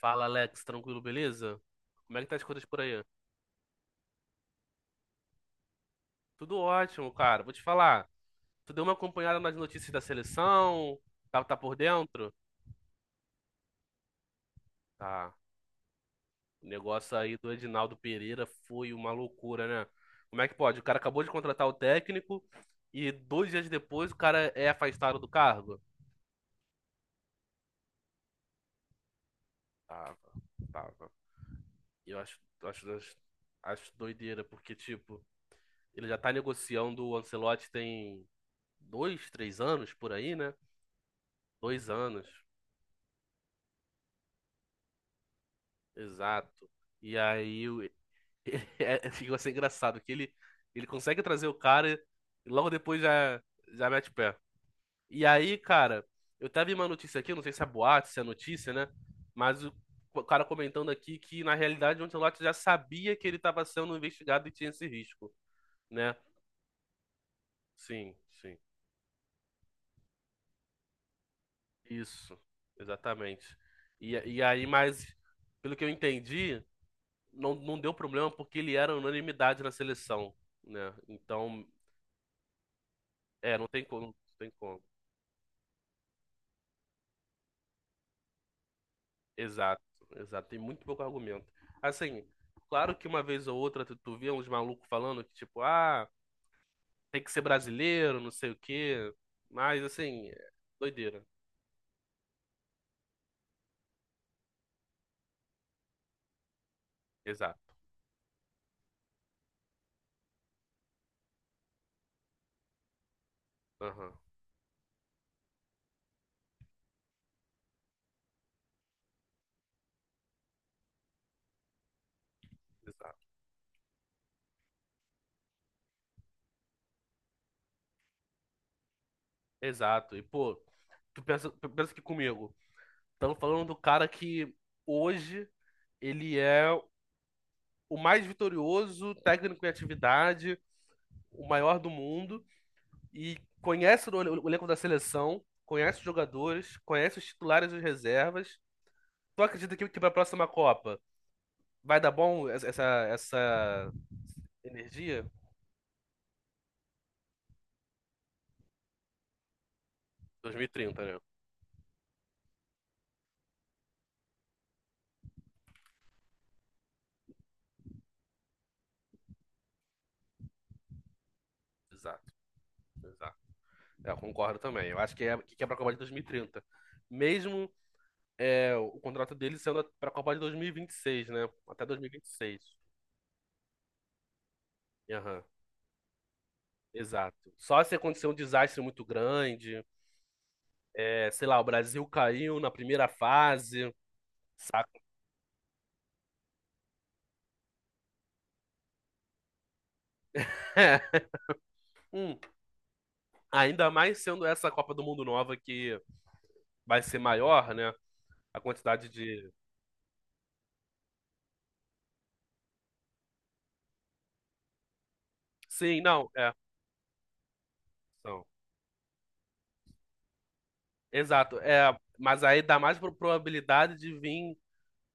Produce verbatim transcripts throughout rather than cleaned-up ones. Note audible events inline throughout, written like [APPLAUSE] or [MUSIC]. Fala, Alex, tranquilo, beleza? Como é que tá as coisas por aí? Tudo ótimo, cara. Vou te falar. Tu deu uma acompanhada nas notícias da seleção? Tá, tá por dentro? Tá. O negócio aí do Edinaldo Pereira foi uma loucura, né? Como é que pode? O cara acabou de contratar o técnico e dois dias depois o cara é afastado do cargo? Tava, tava. Eu acho, acho, acho acho doideira, porque, tipo, ele já tá negociando o Ancelotti tem dois, três anos por aí, né? Dois anos. Exato. E aí o- [LAUGHS] É, fica assim engraçado que ele ele consegue trazer o cara e logo depois já já mete o pé. E aí, cara, eu tava vi uma notícia aqui, não sei se é boate se é notícia, né? Mas o, o cara comentando aqui que na realidade o Ancelotti já sabia que ele estava sendo investigado e tinha esse risco, né? Sim, sim. Isso, exatamente. E, e aí, mas pelo que eu entendi, não, não deu problema porque ele era unanimidade na seleção, né? Então, é, não tem como, não tem como. Exato, exato. Tem muito pouco argumento. Assim, claro que uma vez ou outra tu, tu vê uns malucos falando que, tipo, ah, tem que ser brasileiro, não sei o quê. Mas, assim, é doideira. Exato. Aham, exato. Exato. E, pô, tu pensa, tu pensa que comigo, estamos falando do cara que hoje ele é o mais vitorioso técnico em atividade, o maior do mundo. E conhece o o elenco da seleção, conhece os jogadores, conhece os titulares e os reservas. Tu acredita que, que para a próxima Copa vai dar bom essa, essa essa energia? dois mil e trinta, né? Exato, exato. É, eu concordo também. Eu acho que é, que é para a Copa de dois mil e trinta. Mesmo é, o contrato dele sendo para a Copa de dois mil e vinte e seis, né? Até dois mil e vinte e seis. Aham, exato. Só se acontecer um desastre muito grande, é, sei lá, o Brasil caiu na primeira fase, saca? [LAUGHS] Hum, Ainda mais sendo essa Copa do Mundo nova que vai ser maior, né? A quantidade de. Sim, não, é. São. Exato, é. Mas aí dá mais pro- probabilidade de vir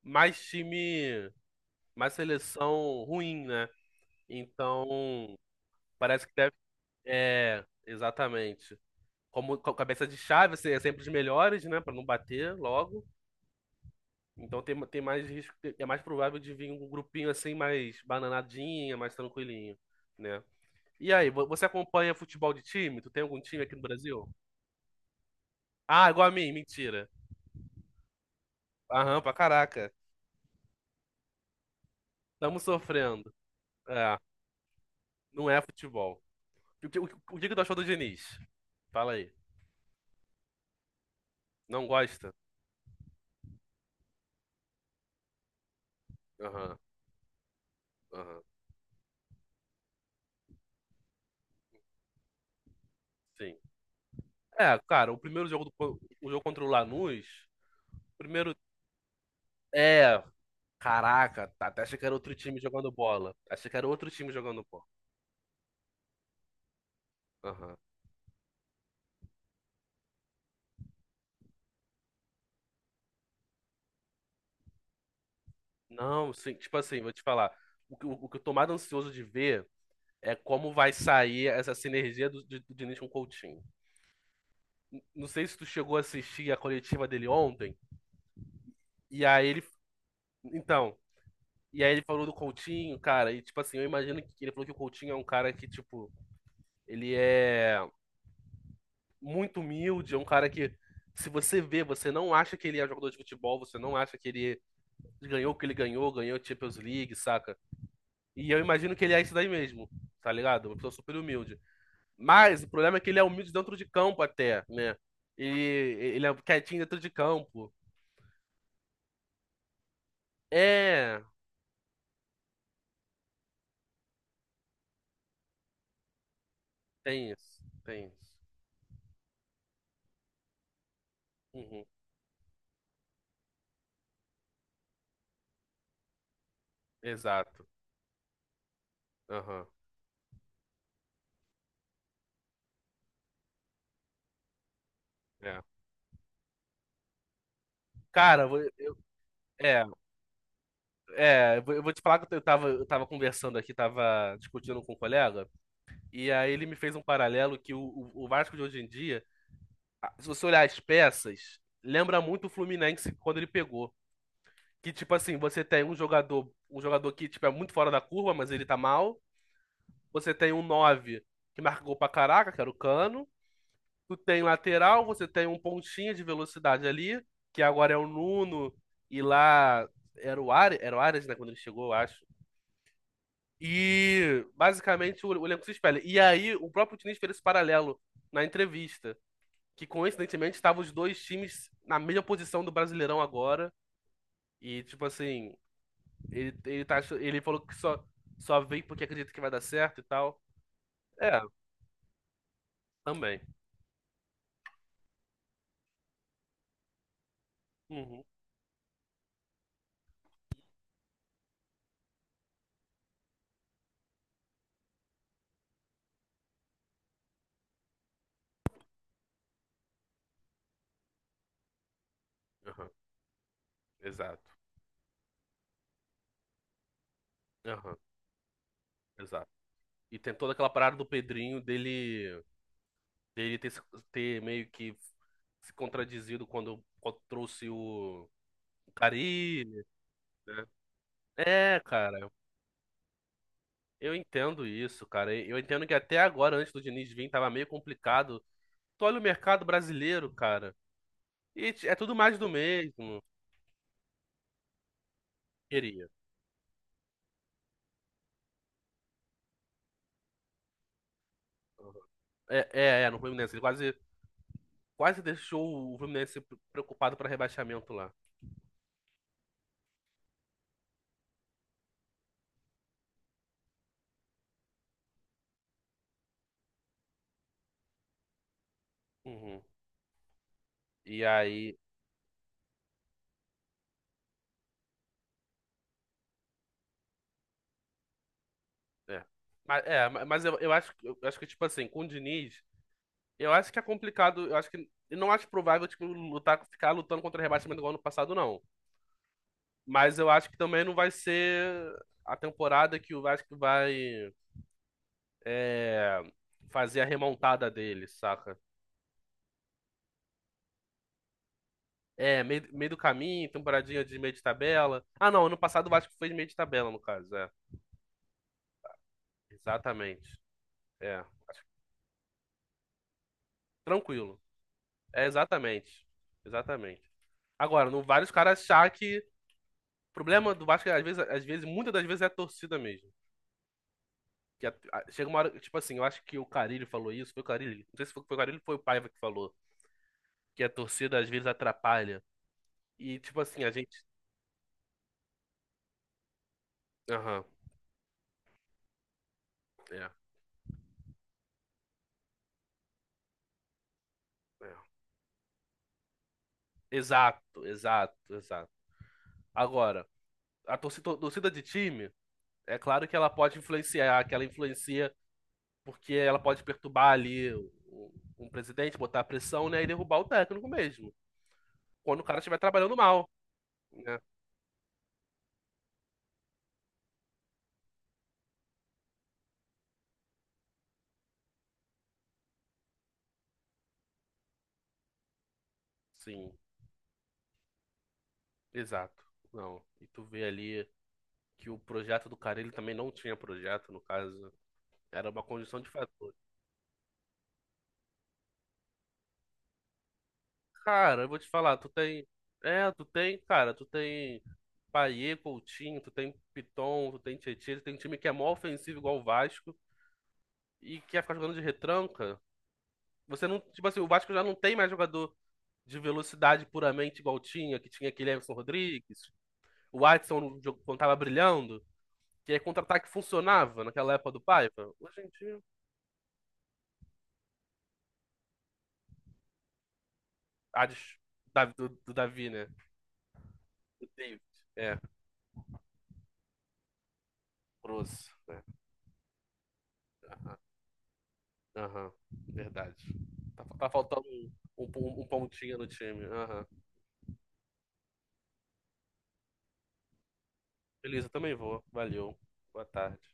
mais time, mais seleção ruim, né? Então, parece que deve. É, exatamente. Como co- cabeça de chave, assim, é sempre os melhores, né? Pra não bater logo. Então tem, tem mais risco, é mais provável de vir um grupinho assim, mais bananadinha, mais tranquilinho, né? E aí, vo- você acompanha futebol de time? Tu tem algum time aqui no Brasil? Ah, igual a mim, mentira. Aham, pra caraca. Estamos sofrendo. É, não é futebol. O que, o, que o que que tu achou do Diniz? Fala aí. Não gosta? Aham, aham. Sim. É, cara, o primeiro jogo do, co- o jogo contra o Lanús, primeiro é, caraca, tá, até achei que era outro time jogando bola. Achei que era outro time jogando bola. Aham. Não, sim, tipo assim, vou te falar. O, que- o, que eu tô mais ansioso de ver é como vai sair essa sinergia do, do, do Diniz com o Coutinho. N- Não sei se tu chegou a assistir a coletiva dele ontem, e aí ele. Então, e aí ele falou do Coutinho, cara, e tipo assim, eu imagino que ele falou que o Coutinho é um cara que, tipo, ele é muito humilde, é um cara que. Se você vê, você não acha que ele é um jogador de futebol, você não acha que ele ganhou o que ele ganhou, ganhou a Champions League, saca? E eu imagino que ele é isso daí mesmo, tá ligado? Uma pessoa super humilde. Mas o problema é que ele é humilde dentro de campo até, né? E ele é quietinho dentro de campo. É, tem isso, tem isso. Uhum, exato. Aham, é. Cara, eu vou- é, é, eu vou eu vou te falar que eu tava, eu tava conversando aqui, tava discutindo com um colega, e aí ele me fez um paralelo que o, o o Vasco de hoje em dia, a- se você olhar as peças, lembra muito o Fluminense quando ele pegou. Que, tipo assim, você tem um jogador, um jogador que, tipo, é muito fora da curva, mas ele tá mal. Você tem um nove que marca gol pra caraca, que era o Cano. Tu tem lateral, você tem um pontinha de velocidade ali, que agora é o Nuno, e lá era o Ares, era o Ares, né, quando ele chegou, eu acho. E basicamente o, o elenco se espelha. E aí o próprio Diniz fez esse paralelo na entrevista, que coincidentemente estavam os dois times na mesma posição do Brasileirão agora. E tipo assim, ele, ele, tá, ach- ele falou que só, só veio porque acredita que vai dar certo e tal. É, também. Uhum. Exato. Aham, exato. E tem toda aquela parada do Pedrinho dele, dele ter, se- ter meio que se contradizido quando, quando trouxe o, o Carille, né? É, cara, eu entendo isso, cara. Eu entendo que até agora, antes do Diniz vir, tava meio complicado. Tu olha o mercado brasileiro, cara, e é tudo mais do mesmo. Queria. Aham. É, é, é, no Fluminense. Ele quase, quase deixou o Fluminense preocupado para rebaixamento lá. Uhum. E aí. É. Mas, é, ma- mas eu, eu acho, que- eu acho que, tipo assim, com o Diniz, eu acho que é complicado. Eu acho que. Eu não acho provável, tipo, lutar, ficar lutando contra rebaixamento igual ano passado, não. Mas eu acho que também não vai ser a temporada que o Vasco vai é, fazer a remontada dele, saca? É, meio, meio do caminho, temporadinha de meio de tabela. Ah, não, ano passado o Vasco fez meio de tabela, no caso, é. Exatamente. É. Tranquilo. É, exatamente. Exatamente. Agora, não vale os caras achar que o problema do Vasco, é, às vezes, às vezes, muitas das vezes é a torcida mesmo. Que a- a- chega uma hora, tipo assim, eu acho que o Carille falou isso, foi o Carille, não sei se foi, foi o Carille ou foi o Paiva que falou, que a torcida às vezes atrapalha. E, tipo assim, a gente. Aham, é, é. Exato, exato, exato. Agora, a torcida, a torcida de time, é claro que ela pode influenciar, que ela influencia porque ela pode perturbar ali o- o- um presidente, botar pressão, né, e derrubar o técnico mesmo. Quando o cara estiver trabalhando mal, né? Sim. Exato. Não. E tu vê ali que o projeto do cara, ele também não tinha projeto, no caso. Era uma conjunção de fatores. Cara, eu vou te falar, tu tem. É, tu tem, cara, tu tem Payet, Coutinho, tu tem Piton, tu tem Tietchan, tu tem um time que é mó ofensivo igual o Vasco e que ia ficar jogando de retranca. Você não. Tipo assim, o Vasco já não tem mais jogador de velocidade puramente igual tinha, que tinha aquele Everson Rodrigues, o Watson no jogo quando tava brilhando, que aí contra-ataque funcionava naquela época do Paiva. Hoje em dia. Ah, des- da- do, do Davi, né? Do David. É, grosso, né? Aham, aham, verdade. Tá, tá faltando um, um, pon- um pontinho no time. Aham. Beleza, também vou. Valeu. Boa tarde.